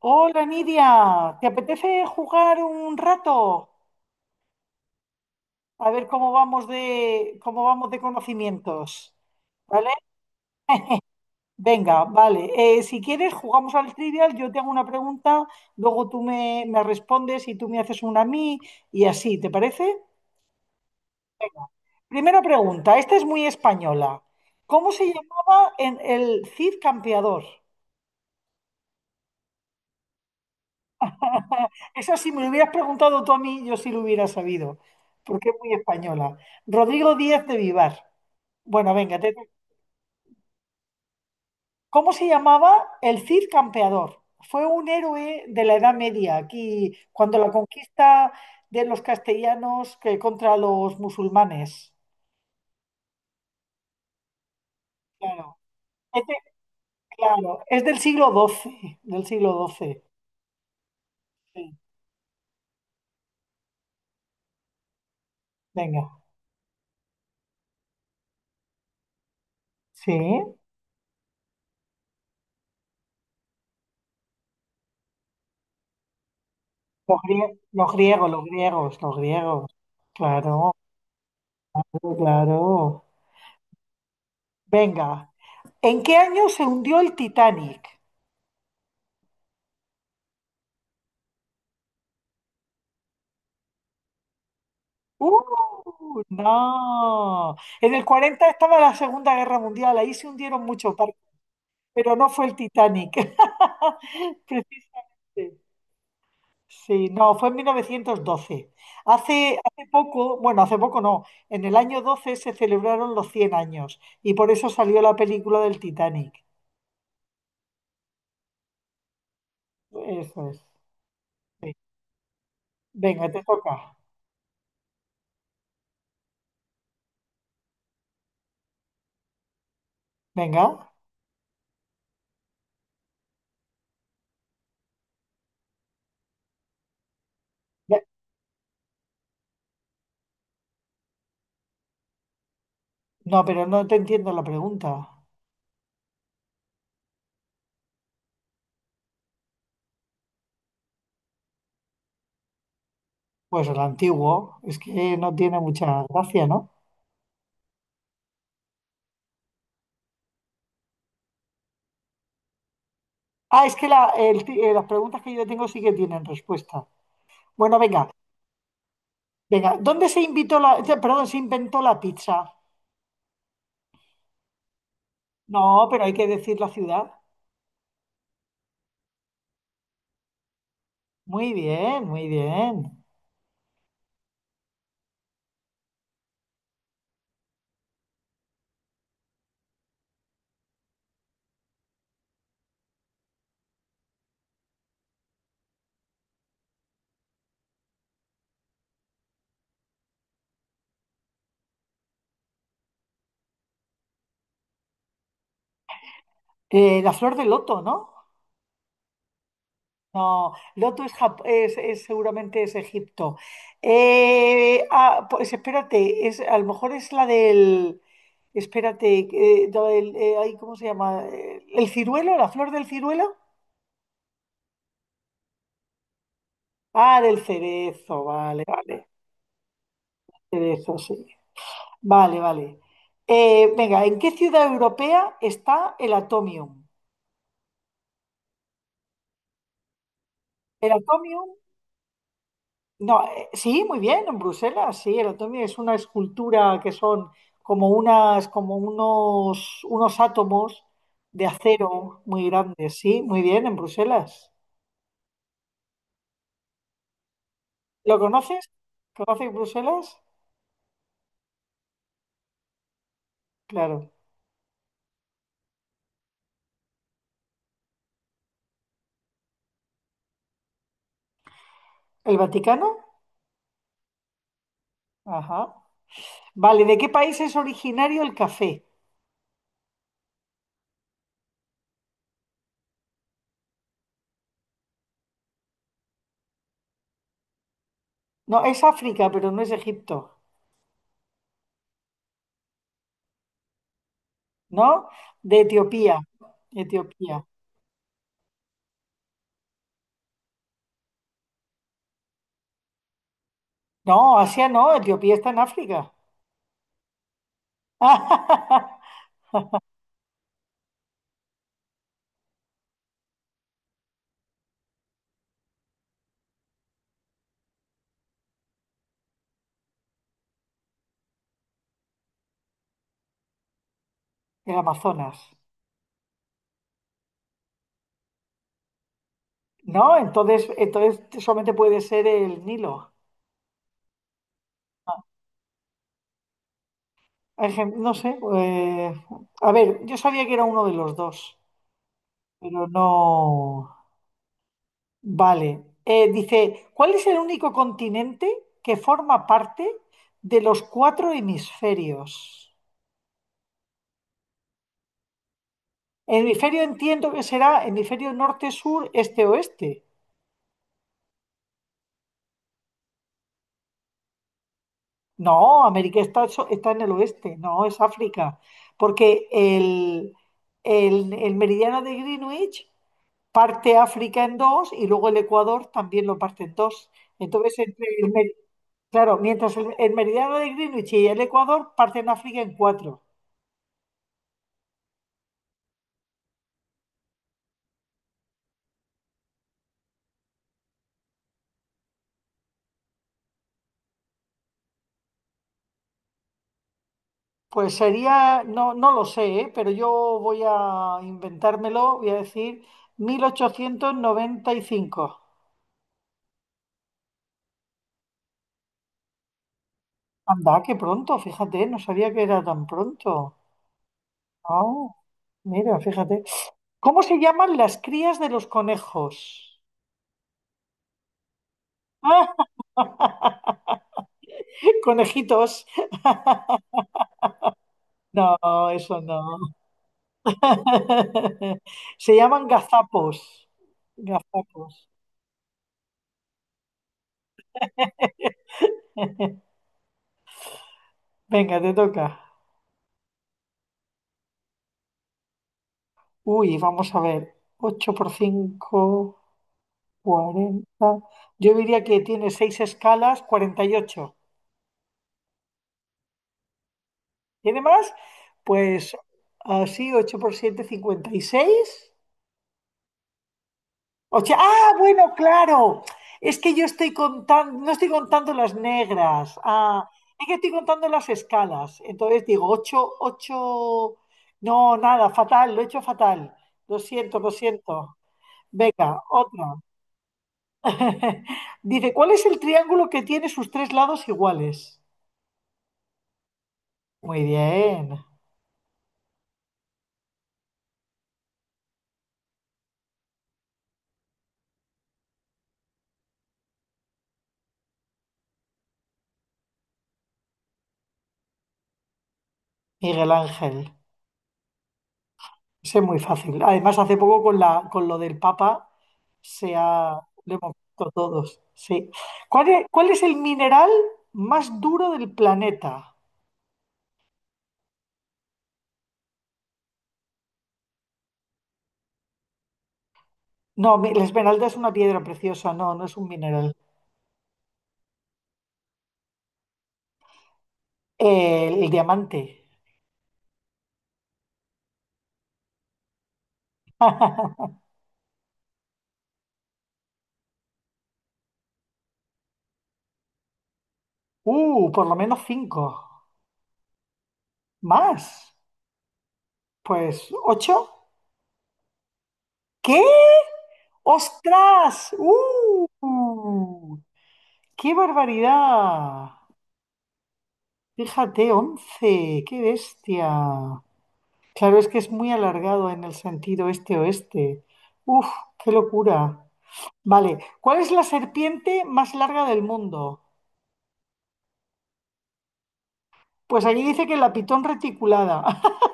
Hola Nidia, ¿te apetece jugar un rato? A ver cómo vamos de conocimientos. ¿Vale? Venga, vale. Si quieres, jugamos al trivial, yo te hago una pregunta, luego tú me respondes y tú me haces una a mí y así, ¿te parece? Primera pregunta, esta es muy española. ¿Cómo se llamaba en el Cid Campeador? Esa si me lo hubieras preguntado tú a mí, yo sí lo hubiera sabido, porque es muy española. Rodrigo Díaz de Vivar. Bueno, venga. ¿Cómo se llamaba el Cid Campeador? Fue un héroe de la Edad Media, aquí cuando la conquista de los castellanos que contra los musulmanes. Claro, es, de- claro, es del siglo XII, del siglo XII. Sí, venga, sí, los, grie- los griegos, los griegos, los griegos. Claro, claro, claro. Venga, ¿en qué año se hundió el Titanic? ¡Uh! No. En el 40 estaba la Segunda Guerra Mundial, ahí se hundieron muchos barcos, pero no fue el Titanic. Precisamente. Sí, no, fue en 1912. Hace poco, bueno, hace poco no, en el año 12 se celebraron los 100 años y por eso salió la película del Titanic. Eso es, sí. Venga, te toca. Venga. Ve- No, pero no te entiendo la pregunta. Pues el antiguo, es que no tiene mucha gracia, ¿no? Ah, es que las preguntas que yo tengo sí que tienen respuesta. Bueno, venga, venga. ¿Dónde se invitó la, perdón, se inventó la pizza? No, pero hay que decir la ciudad. Muy bien, muy bien. La flor de loto, ¿no? No, loto es, seguramente es Egipto. Ah, pues espérate, es, a lo mejor es la del, espérate, ay, ¿cómo se llama? ¿El ciruelo? ¿La flor del ciruelo? Ah, del cerezo, vale, vale. De eso, sí. Vale, vale. Venga, ¿en qué ciudad europea está el Atomium? El Atomium, no, sí, muy bien, en Bruselas, sí, el Atomium es una escultura que son como unas, como unos, unos átomos de acero muy grandes, sí, muy bien, en Bruselas. ¿Lo conoces? ¿Conoces Bruselas? Claro. ¿El Vaticano? Ajá. Vale, ¿de qué país es originario el café? No, es África, pero no es Egipto. ¿No? De Etiopía, Etiopía. No, Asia no, Etiopía está en África. El Amazonas. No, entonces solamente puede ser el Nilo. No sé. A ver, yo sabía que era uno de los dos, pero no. Vale. Dice, ¿cuál es el único continente que forma parte de los cuatro hemisferios? El hemisferio entiendo que será hemisferio norte, sur, este, oeste. No, América está en el oeste, no es África, porque el meridiano de Greenwich parte África en dos y luego el Ecuador también lo parte en dos. Entonces, claro, mientras el meridiano de Greenwich y el Ecuador parten África en cuatro. Pues sería, no lo sé, ¿eh? Pero yo voy a inventármelo, voy a decir 1895. Anda, qué pronto, fíjate, no sabía que era tan pronto. Ah, mira, fíjate. ¿Cómo se llaman las crías de los conejos? Ah, conejitos. No, eso no. Se llaman gazapos. Gazapos. Venga, te toca. Uy, vamos a ver. 8 por 5, 40. Yo diría que tiene 6 escalas, 48. ¿Tiene más? Pues así, 8 por siete, 56. O sea, ah, bueno, claro. Es que yo estoy contando, no estoy contando las negras. Ah, es que estoy contando las escalas. Entonces digo, 8, 8. No, nada, fatal, lo he hecho fatal. Lo siento, lo siento. Venga, otra. Dice, ¿cuál es el triángulo que tiene sus tres lados iguales? Muy bien, Miguel Ángel. Ese es muy fácil. Además, hace poco con la, con lo del Papa se ha, lo hemos visto todos. Sí. Cuál es el mineral más duro del planeta? No, la esmeralda es una piedra preciosa, no, no es un mineral. El diamante. Por lo menos cinco. ¿Más? Pues ocho. ¿Qué? ¡Ostras! ¡Uh! ¡Qué barbaridad! Fíjate, 11. ¡Qué bestia! Claro, es que es muy alargado en el sentido este-oeste. Uf, qué locura. Vale, ¿cuál es la serpiente más larga del mundo? Pues aquí dice que la pitón reticulada.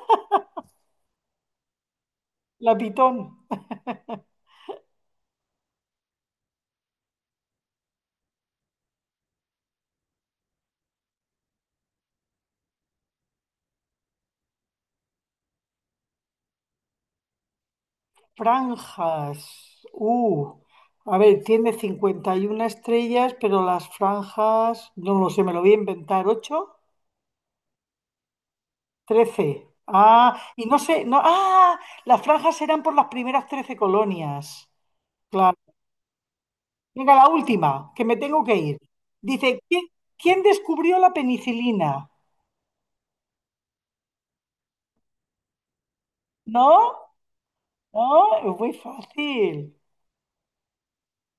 La pitón. Franjas. Uh, a ver, tiene 51 estrellas, pero las franjas, no lo sé, me lo voy a inventar. 8, 13. Ah, y no sé, no, ah, las franjas eran por las primeras 13 colonias. Claro. Venga, la última, que me tengo que ir. Dice, ¿quién descubrió la penicilina? ¿No? ¿No? Es muy fácil.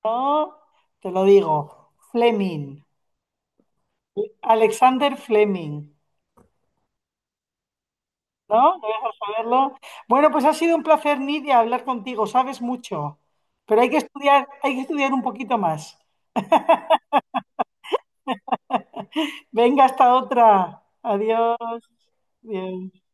¿No? Te lo digo. Fleming. Alexander Fleming. ¿No? ¿No vas a saberlo? Bueno, pues ha sido un placer, Nidia, hablar contigo. Sabes mucho, pero hay que estudiar un poquito más. Venga, hasta otra. Adiós. Adiós.